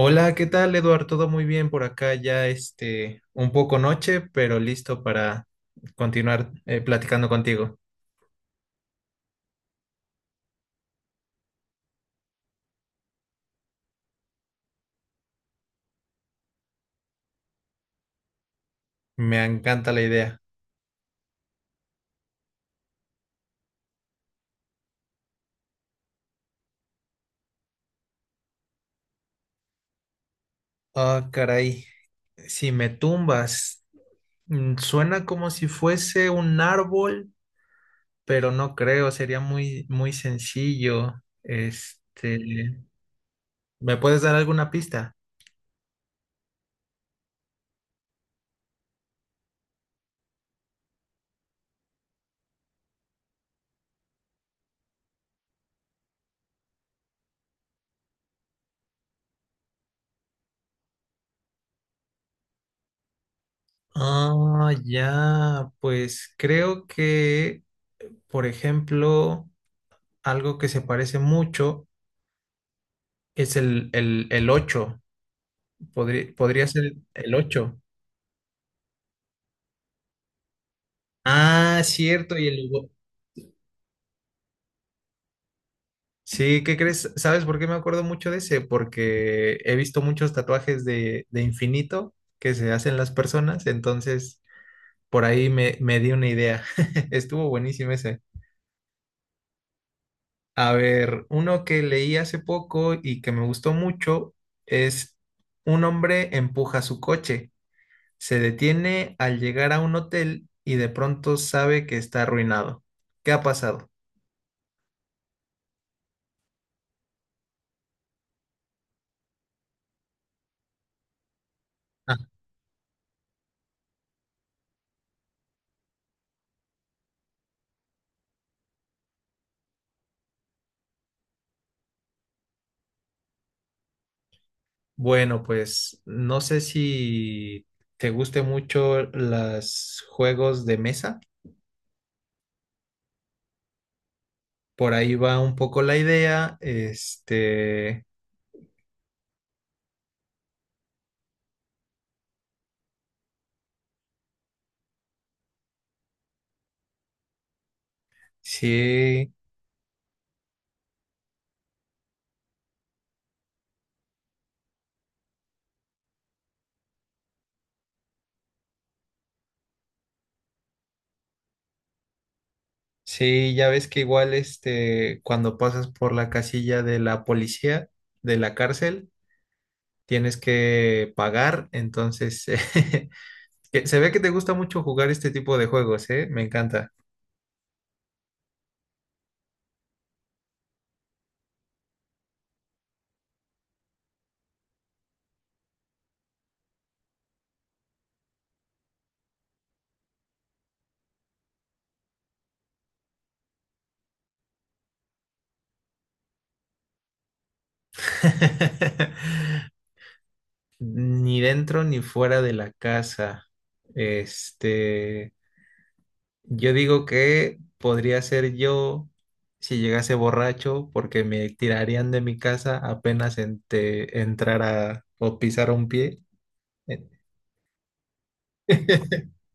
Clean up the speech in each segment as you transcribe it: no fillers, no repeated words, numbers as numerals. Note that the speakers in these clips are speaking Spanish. Hola, ¿qué tal, Eduardo? Todo muy bien por acá, ya un poco noche, pero listo para continuar platicando contigo. Me encanta la idea. Ah, caray, si me tumbas, suena como si fuese un árbol, pero no creo, sería muy, muy sencillo. Este, ¿Me puedes dar alguna pista? Ah, ya, pues creo que, por ejemplo, algo que se parece mucho. Es el ocho. Podría ser el ocho. Ah, cierto. Sí, ¿qué crees? ¿Sabes por qué me acuerdo mucho de ese? Porque he visto muchos tatuajes de infinito que se hacen las personas. Entonces, por ahí me di una idea. Estuvo buenísimo ese. A ver, uno que leí hace poco y que me gustó mucho es: Un hombre empuja su coche. Se detiene al llegar a un hotel y de pronto sabe que está arruinado. ¿Qué ha pasado? Ah, bueno, pues no sé si te guste mucho los juegos de mesa. Por ahí va un poco la idea. Sí, sí, ya ves que igual cuando pasas por la casilla de la policía, de la cárcel, tienes que pagar. Entonces. Que Se ve que te gusta mucho jugar este tipo de juegos, ¿eh? Me encanta. Ni dentro ni fuera de la casa. Este, yo digo que podría ser yo si llegase borracho, porque me tirarían de mi casa apenas entrara o pisara un pie.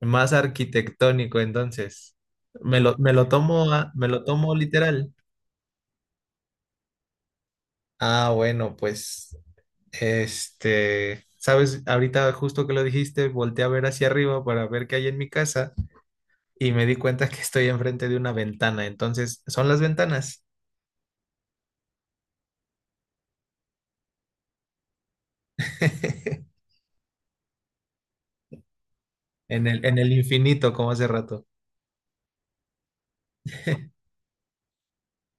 Más arquitectónico, entonces. Me lo tomo literal. Ah, bueno, pues, sabes, ahorita justo que lo dijiste, volteé a ver hacia arriba para ver qué hay en mi casa y me di cuenta que estoy enfrente de una ventana. Entonces, son las ventanas. en el, infinito, como hace rato.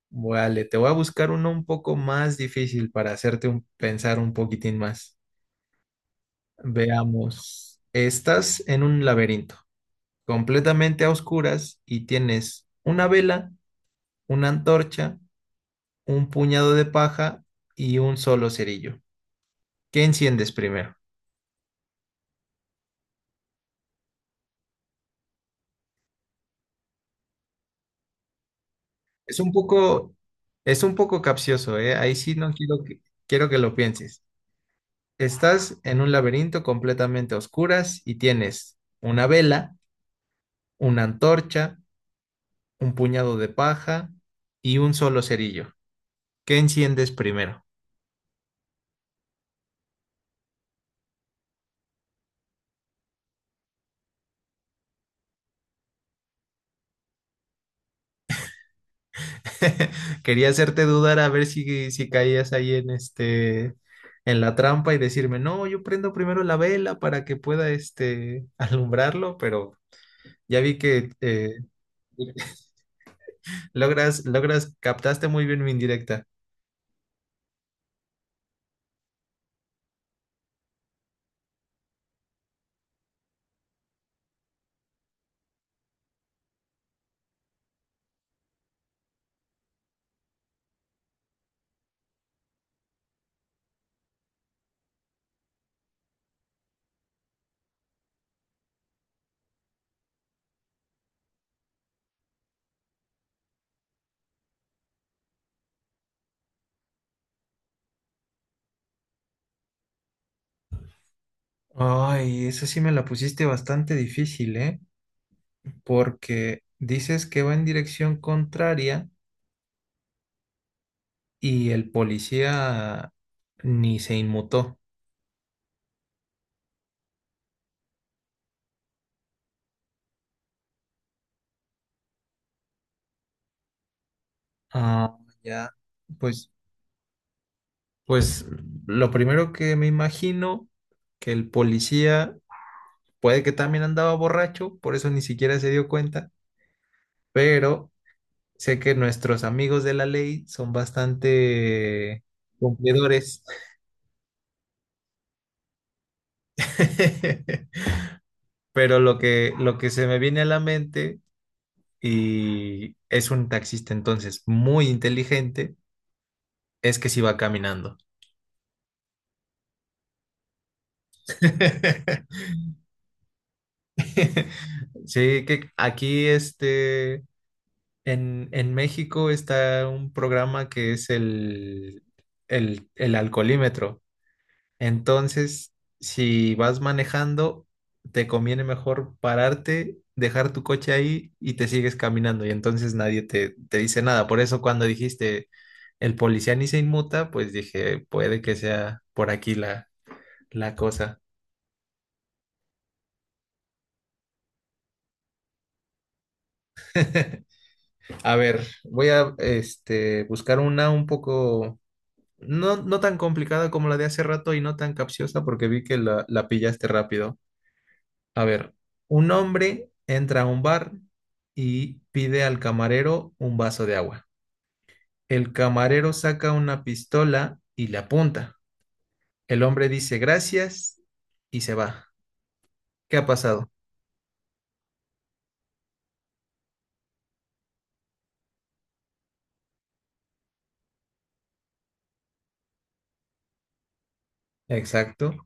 Vale, te voy a buscar uno un poco más difícil para hacerte pensar un poquitín más. Veamos. Estás en un laberinto, completamente a oscuras y tienes una vela, una antorcha, un puñado de paja y un solo cerillo. ¿Qué enciendes primero? Es un poco, es un poco capcioso, ¿eh? Ahí sí no quiero que lo pienses. Estás en un laberinto completamente a oscuras y tienes una vela, una antorcha, un puñado de paja y un solo cerillo. ¿Qué enciendes primero? Quería hacerte dudar a ver si caías ahí en en la trampa y decirme, no, yo prendo primero la vela para que pueda alumbrarlo, pero ya vi que captaste muy bien mi indirecta. Ay, esa sí me la pusiste bastante difícil, ¿eh? Porque dices que va en dirección contraria y el policía ni se inmutó. Ah, ya. Pues Pues lo primero que me imagino, que el policía puede que también andaba borracho, por eso ni siquiera se dio cuenta, pero sé que nuestros amigos de la ley son bastante cumplidores. Pero lo que, se me viene a la mente, y es un taxista entonces muy inteligente, es que si va caminando. Sí, que aquí En México está un programa que es el alcoholímetro. Entonces, si vas manejando, te conviene mejor pararte, dejar tu coche ahí y te sigues caminando. Y entonces nadie te dice nada. Por eso cuando dijiste el policía ni se inmuta, pues dije, puede que sea por aquí la cosa. A ver, voy a buscar una un poco. No, no tan complicada como la de hace rato y no tan capciosa porque vi que la pillaste rápido. A ver, un hombre entra a un bar y pide al camarero un vaso de agua. El camarero saca una pistola y le apunta. El hombre dice gracias y se va. ¿Qué ha pasado? Exacto.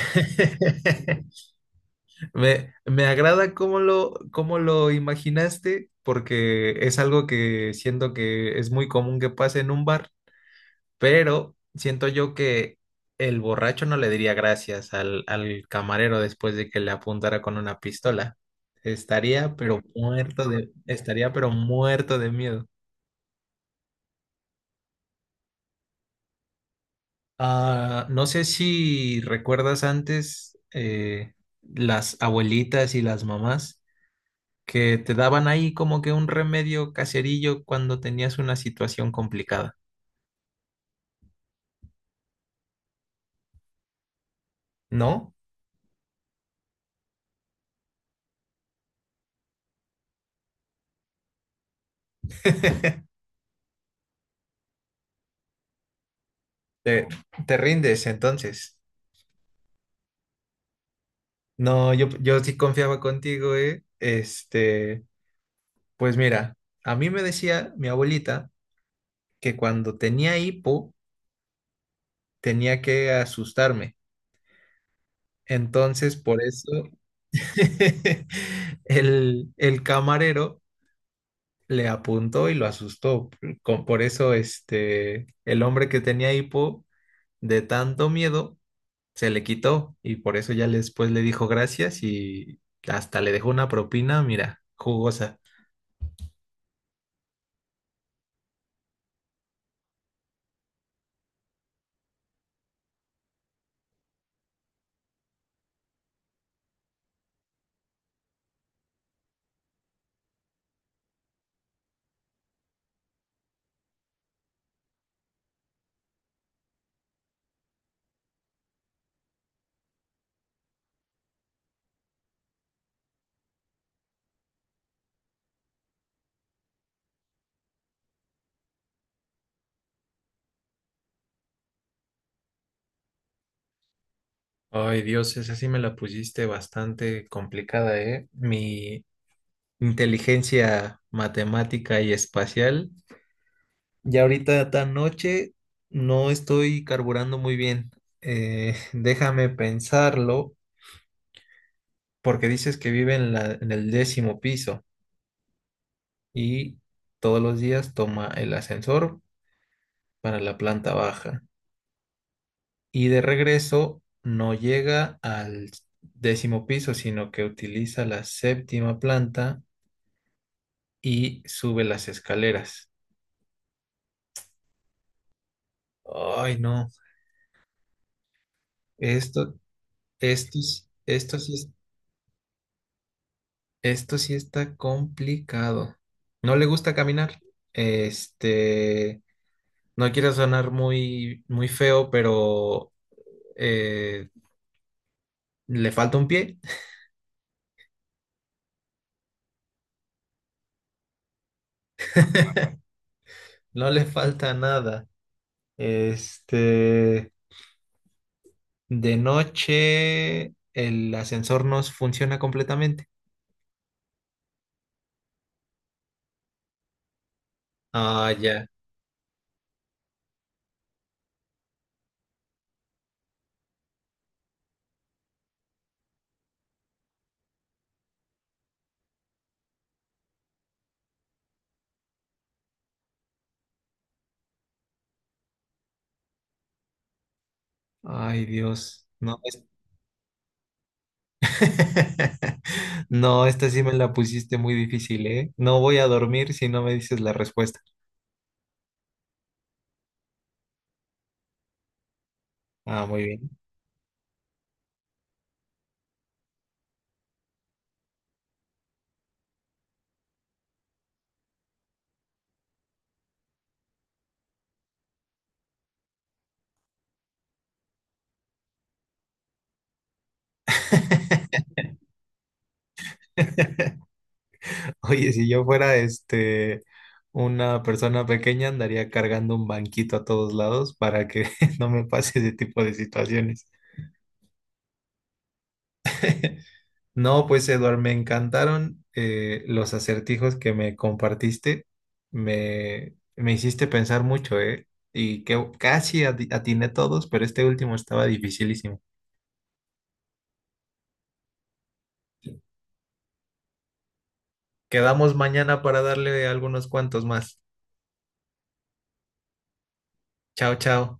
Me agrada cómo cómo lo imaginaste, porque es algo que siento que es muy común que pase en un bar. Pero siento yo que el borracho no le diría gracias al camarero después de que le apuntara con una pistola. Estaría pero muerto de miedo. Ah, no sé si recuerdas antes las abuelitas y las mamás que te daban ahí como que un remedio caserillo cuando tenías una situación complicada, ¿no? Te, te rindes entonces. No, yo sí confiaba contigo, ¿eh? Pues mira, a mí me decía mi abuelita que cuando tenía hipo tenía que asustarme. Entonces, por eso el camarero le apuntó y lo asustó. Por eso, el hombre que tenía hipo de tanto miedo se le quitó, y por eso ya después le dijo gracias y hasta le dejó una propina, mira, jugosa. Ay, Dios, esa sí me la pusiste bastante complicada, ¿eh? Mi inteligencia matemática y espacial. Ya ahorita tan noche no estoy carburando muy bien. Déjame pensarlo, porque dices que vive en la, en el, décimo piso y todos los días toma el ascensor para la planta baja. Y de regreso no llega al décimo piso, sino que utiliza la séptima planta y sube las escaleras. Ay, no, esto, esto, s- esto sí, es- esto sí está complicado. No le gusta caminar. Este, no quiero sonar muy, muy feo, pero eh, le falta un pie. No le falta nada. Este, de noche el ascensor no funciona completamente. Ah, ya. Ay, Dios. No. No, esta sí me la pusiste muy difícil, ¿eh? No voy a dormir si no me dices la respuesta. Ah, muy bien. Oye, si yo fuera una persona pequeña, andaría cargando un banquito a todos lados para que no me pase ese tipo de situaciones. No, pues Eduard, me encantaron los acertijos que me compartiste. Me hiciste pensar mucho, ¿eh? Y que casi atiné todos, pero este último estaba dificilísimo. Quedamos mañana para darle algunos cuantos más. Chao, chao.